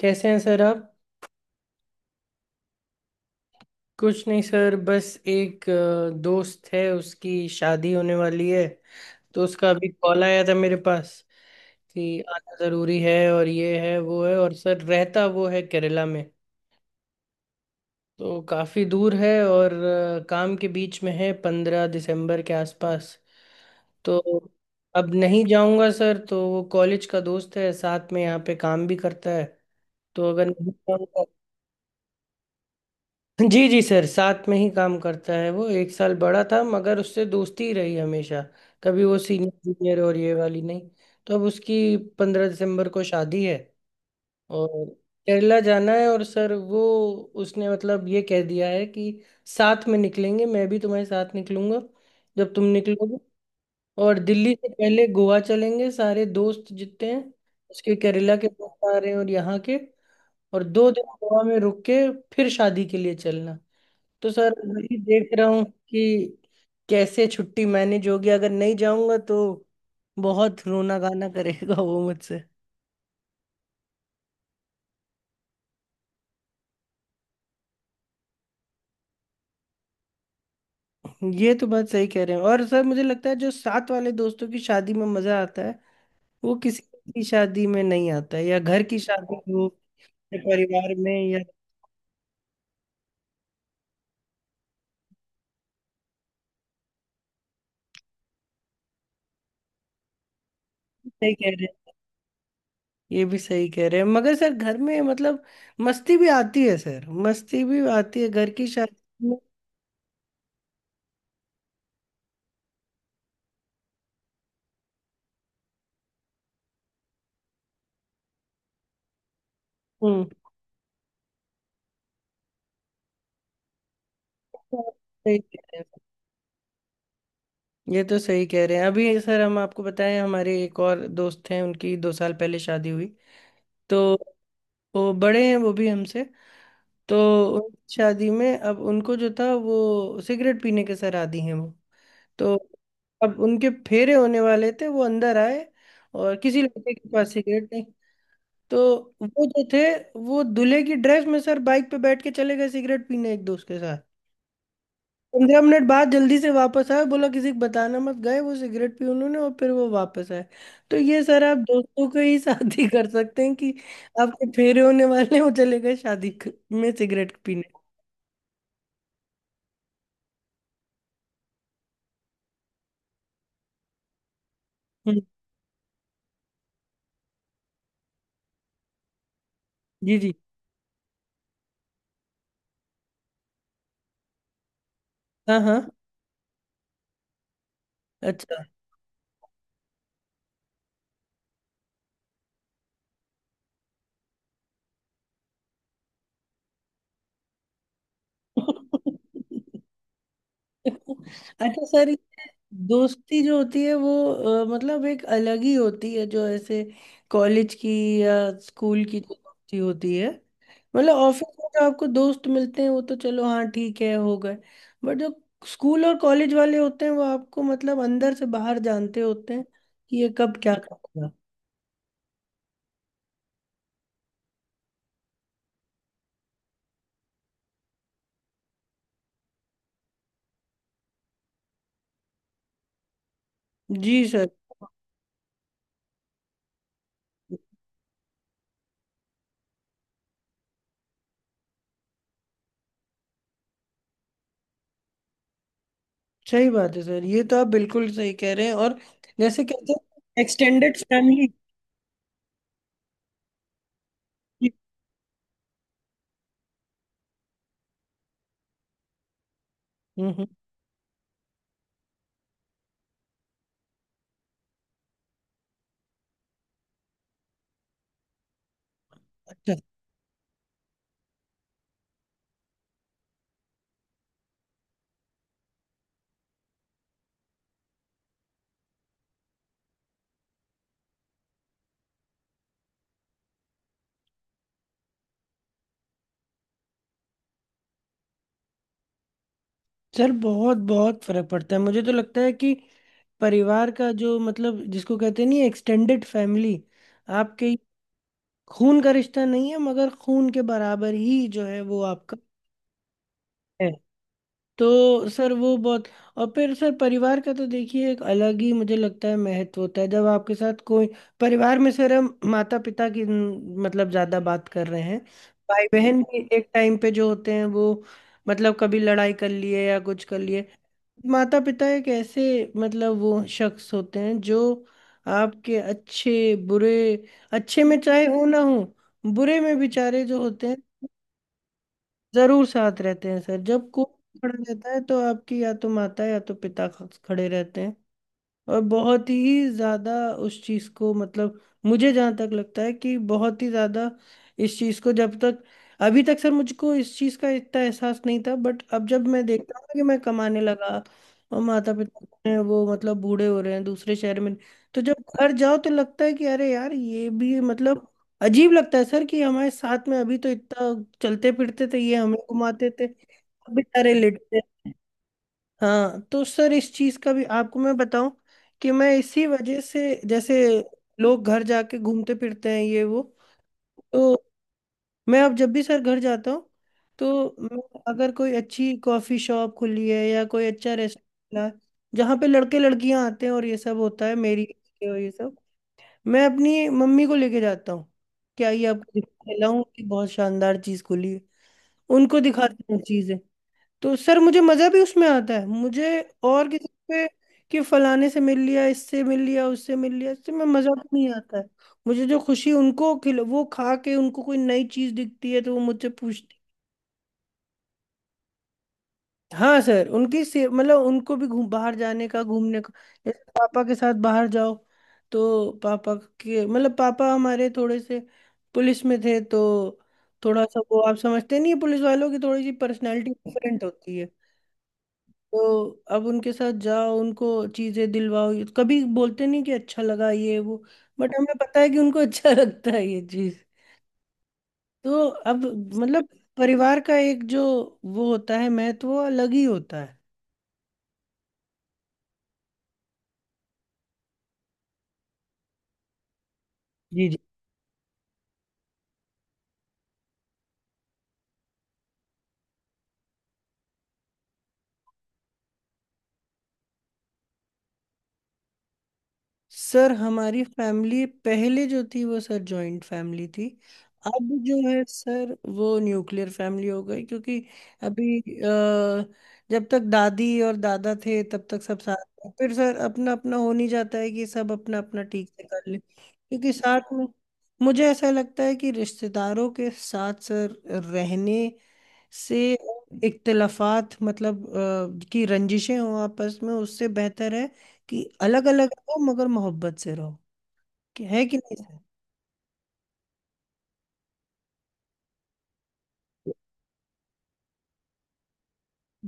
कैसे हैं सर आप? कुछ नहीं सर, बस एक दोस्त है, उसकी शादी होने वाली है। तो उसका अभी कॉल आया था मेरे पास कि आना ज़रूरी है और ये है वो है, और सर रहता वो है केरला में। तो काफ़ी दूर है, और काम के बीच में है, 15 दिसंबर के आसपास। तो अब नहीं जाऊंगा सर। तो वो कॉलेज का दोस्त है, साथ में यहाँ पे काम भी करता है। तो अगर नहीं जाऊंगा। जी जी सर, साथ में ही काम करता है। वो 1 साल बड़ा था मगर उससे दोस्ती ही रही हमेशा, कभी वो सीनियर जूनियर और ये वाली नहीं। तो अब उसकी 15 दिसंबर को शादी है और केरला जाना है। और सर वो उसने मतलब ये कह दिया है कि साथ में निकलेंगे, मैं भी तुम्हारे साथ निकलूंगा जब तुम निकलोगे। और दिल्ली से पहले गोवा चलेंगे सारे दोस्त जितने हैं, उसके केरला के दोस्त आ रहे हैं और यहाँ के, और 2 दिन गोवा में रुक के फिर शादी के लिए चलना। तो सर वही देख रहा हूँ कि कैसे छुट्टी मैनेज होगी, अगर नहीं जाऊंगा तो बहुत रोना गाना करेगा वो मुझसे। ये तो बात सही कह रहे हैं। और सर मुझे लगता है जो साथ वाले दोस्तों की शादी में मजा आता है वो किसी की शादी में नहीं आता है, या घर की शादी हो या परिवार में या सही कह रहे हैं। ये भी सही कह रहे हैं मगर सर घर में मतलब मस्ती भी आती है सर, मस्ती भी आती है घर की शादी में। हम्म, सही कह रहे हैं। ये तो सही कह रहे हैं। अभी सर हम आपको बताएं, हमारे एक और दोस्त हैं, उनकी 2 साल पहले शादी हुई। तो वो बड़े हैं वो भी हमसे। तो उनकी शादी में अब उनको जो था वो सिगरेट पीने के सर आदी हैं वो। तो अब उनके फेरे होने वाले थे, वो अंदर आए और किसी लड़के के पास सिगरेट नहीं। तो वो जो थे, वो दूल्हे की ड्रेस में सर बाइक पे बैठ के चले गए सिगरेट पीने एक दोस्त के साथ। 15 मिनट बाद जल्दी से वापस आए, बोला किसी को बताना मत, गए वो सिगरेट पी उन्होंने और फिर वो वापस आए। तो ये सर आप दोस्तों के ही साथ ही कर सकते हैं कि आपके फेरे होने वाले हैं, वो चले गए शादी में सिगरेट पीने। हम्म, जी जी। हाँ हाँ। अच्छा अच्छा सर ये दोस्ती जो होती है वो मतलब एक अलग ही होती है, जो ऐसे कॉलेज की या स्कूल की जो दोस्ती होती है। मतलब ऑफिस में जो आपको दोस्त मिलते हैं वो तो चलो हाँ ठीक है हो गए। बट जो स्कूल और कॉलेज वाले होते हैं वो आपको मतलब अंदर से बाहर जानते होते हैं कि ये कब क्या करेगा। जी सर। सही बात है सर, ये तो आप बिल्कुल सही कह रहे हैं और जैसे कहते हैं एक्सटेंडेड फैमिली। हम्म, सर बहुत बहुत फर्क पड़ता है। मुझे तो लगता है कि परिवार का जो मतलब जिसको कहते नहीं, एक्सटेंडेड फैमिली, आपके खून का रिश्ता नहीं है मगर खून के बराबर ही जो है वो आपका है। तो सर वो बहुत। और फिर सर परिवार का तो देखिए एक अलग ही मुझे लगता है महत्व होता है जब आपके साथ कोई परिवार में। सर हम माता पिता की न, मतलब ज्यादा बात कर रहे हैं। भाई बहन भी एक टाइम पे जो होते हैं वो, मतलब कभी लड़ाई कर लिए या कुछ कर लिए। माता पिता एक ऐसे, मतलब वो शख्स होते हैं जो आपके अच्छे बुरे, अच्छे में चाहे हो ना हो, बुरे में बेचारे जो होते हैं जरूर साथ रहते हैं सर। जब कोई खड़ा रहता है तो आपकी या तो माता या तो पिता खड़े रहते हैं। और बहुत ही ज़्यादा उस चीज़ को मतलब, मुझे जहाँ तक लगता है कि बहुत ही ज़्यादा इस चीज़ को जब तक, अभी तक सर मुझको इस चीज़ का इतना एहसास नहीं था, बट अब जब मैं देखता हूँ कि मैं कमाने लगा और माता पिता ने वो मतलब बूढ़े हो रहे हैं दूसरे शहर में, तो जब घर जाओ तो लगता है कि अरे यार ये भी मतलब अजीब लगता है सर कि हमारे साथ में अभी तो इतना चलते फिरते थे, ये हमें घुमाते थे, अब बेचारे लेटते हैं। हाँ तो सर इस चीज का भी आपको मैं बताऊं कि मैं इसी वजह से, जैसे लोग घर जाके घूमते फिरते हैं ये वो, तो मैं अब जब भी सर घर जाता हूँ तो मैं अगर कोई अच्छी कॉफी शॉप खुली है या कोई अच्छा रेस्टोरेंट है जहाँ पे लड़के लड़कियां आते हैं और ये सब होता है मेरी, और ये सब मैं अपनी मम्मी को लेके जाता हूँ। क्या ये आपको दिखाऊं कि बहुत शानदार चीज खुली है, उनको दिखाता हूँ। तो सर मुझे मजा भी उसमें आता है, मुझे और किसी पे कि फलाने से मिल लिया, इससे मिल लिया, उससे मिल लिया इससे मैं मजा भी नहीं आता है। मुझे जो खुशी उनको खिल वो खा के उनको कोई नई चीज दिखती है तो वो मुझसे पूछती। हाँ सर उनकी से मतलब उनको भी घूम बाहर जाने का घूमने का। जैसे पापा के साथ बाहर जाओ तो पापा के मतलब, पापा हमारे थोड़े से पुलिस में थे, तो थोड़ा सा वो आप समझते नहीं है, पुलिस वालों की थोड़ी सी पर्सनैलिटी डिफरेंट होती है। तो अब उनके साथ जाओ उनको चीजें दिलवाओ, कभी बोलते नहीं कि अच्छा लगा ये वो, बट हमें पता है कि उनको अच्छा लगता है ये चीज। तो अब मतलब परिवार का एक जो वो होता है महत्व वो अलग ही होता है। जी जी। सर हमारी फैमिली पहले जो थी वो सर जॉइंट फैमिली थी। अब जो है सर वो न्यूक्लियर फैमिली हो गई, क्योंकि अभी जब तक दादी और दादा थे तब तक सब साथ थे। फिर सर अपना अपना हो नहीं जाता है कि सब अपना अपना ठीक से कर ले क्योंकि साथ में मुझे ऐसा लगता है कि रिश्तेदारों के साथ सर रहने से इख्तलाफात मतलब की रंजिशें हों आपस में, उससे बेहतर है कि अलग अलग रहो मगर मोहब्बत से रहो। कि है कि नहीं सर।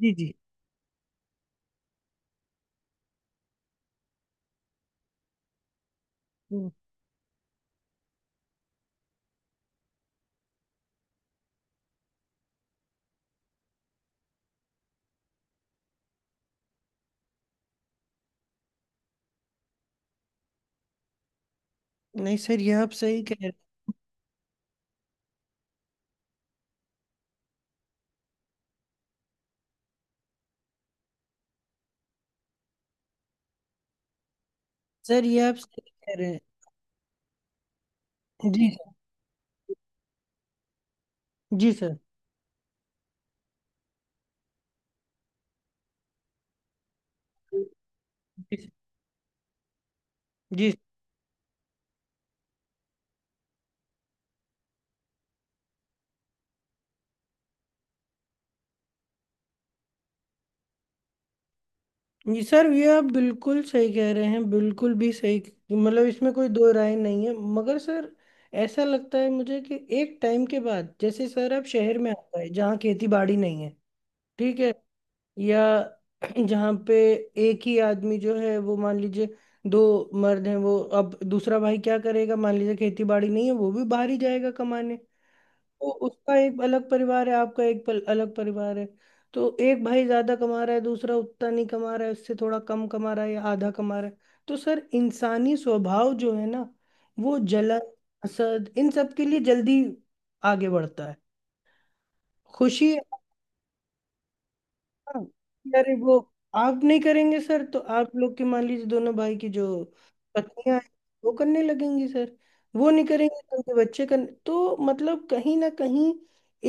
जी जी। हम्म, नहीं सर ये आप सही कह रहे हैं। सर ये आप सही कह रहे हैं। जी सर। जी सर। जी सर। जी सर। जी सर, ये आप बिल्कुल सही कह रहे हैं, बिल्कुल भी सही। मतलब इसमें कोई दो राय नहीं है मगर सर ऐसा लगता है मुझे कि एक टाइम के बाद जैसे सर आप शहर में आ गए जहाँ खेती बाड़ी नहीं है, ठीक है, या जहाँ पे एक ही आदमी जो है वो मान लीजिए दो मर्द हैं, वो अब दूसरा भाई क्या करेगा, मान लीजिए खेती बाड़ी नहीं है वो भी बाहर ही जाएगा कमाने। तो उसका एक अलग परिवार है, आपका एक अलग परिवार है। तो एक भाई ज्यादा कमा रहा है, दूसरा उतना नहीं कमा रहा है, उससे थोड़ा कम कमा रहा है या आधा कमा रहा है। तो सर इंसानी स्वभाव जो है ना, वो जलन हसद इन सब के लिए जल्दी आगे बढ़ता है, खुशी। हाँ, अरे वो आप नहीं करेंगे सर तो आप लोग के मान लीजिए दोनों भाई की जो पत्नियां हैं, वो करने लगेंगी सर। वो नहीं करेंगे तो उनके बच्चे कर, तो मतलब कहीं ना कहीं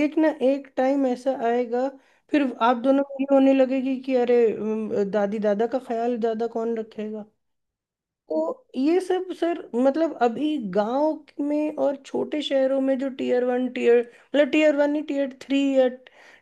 एक ना एक टाइम ऐसा आएगा, फिर आप दोनों में ये होने लगेगी कि अरे दादी दादा का ख्याल ज्यादा कौन रखेगा। तो ये सब सर मतलब अभी गांव में और छोटे शहरों में जो टीयर 1 टीयर मतलब टीयर 1 ही टीयर 3 या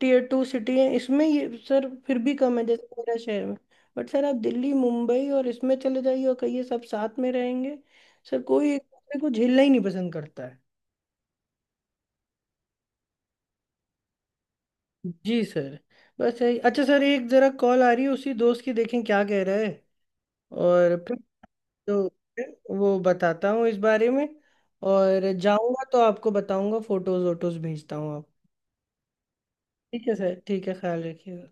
टीयर 2 सिटी है इसमें ये सर फिर भी कम है जैसे मेरा शहर में। बट सर आप दिल्ली मुंबई और इसमें चले जाइए और कहिए सब साथ में रहेंगे, सर कोई एक दूसरे को झेलना ही नहीं पसंद करता है। जी सर। बस यही। अच्छा सर एक जरा कॉल आ रही है उसी दोस्त की, देखें क्या कह रहा है और फिर तो वो बताता हूँ इस बारे में। और जाऊंगा तो आपको बताऊंगा, फोटोज वोटोज भेजता हूँ आप। ठीक है सर, ठीक है, ख्याल रखिएगा।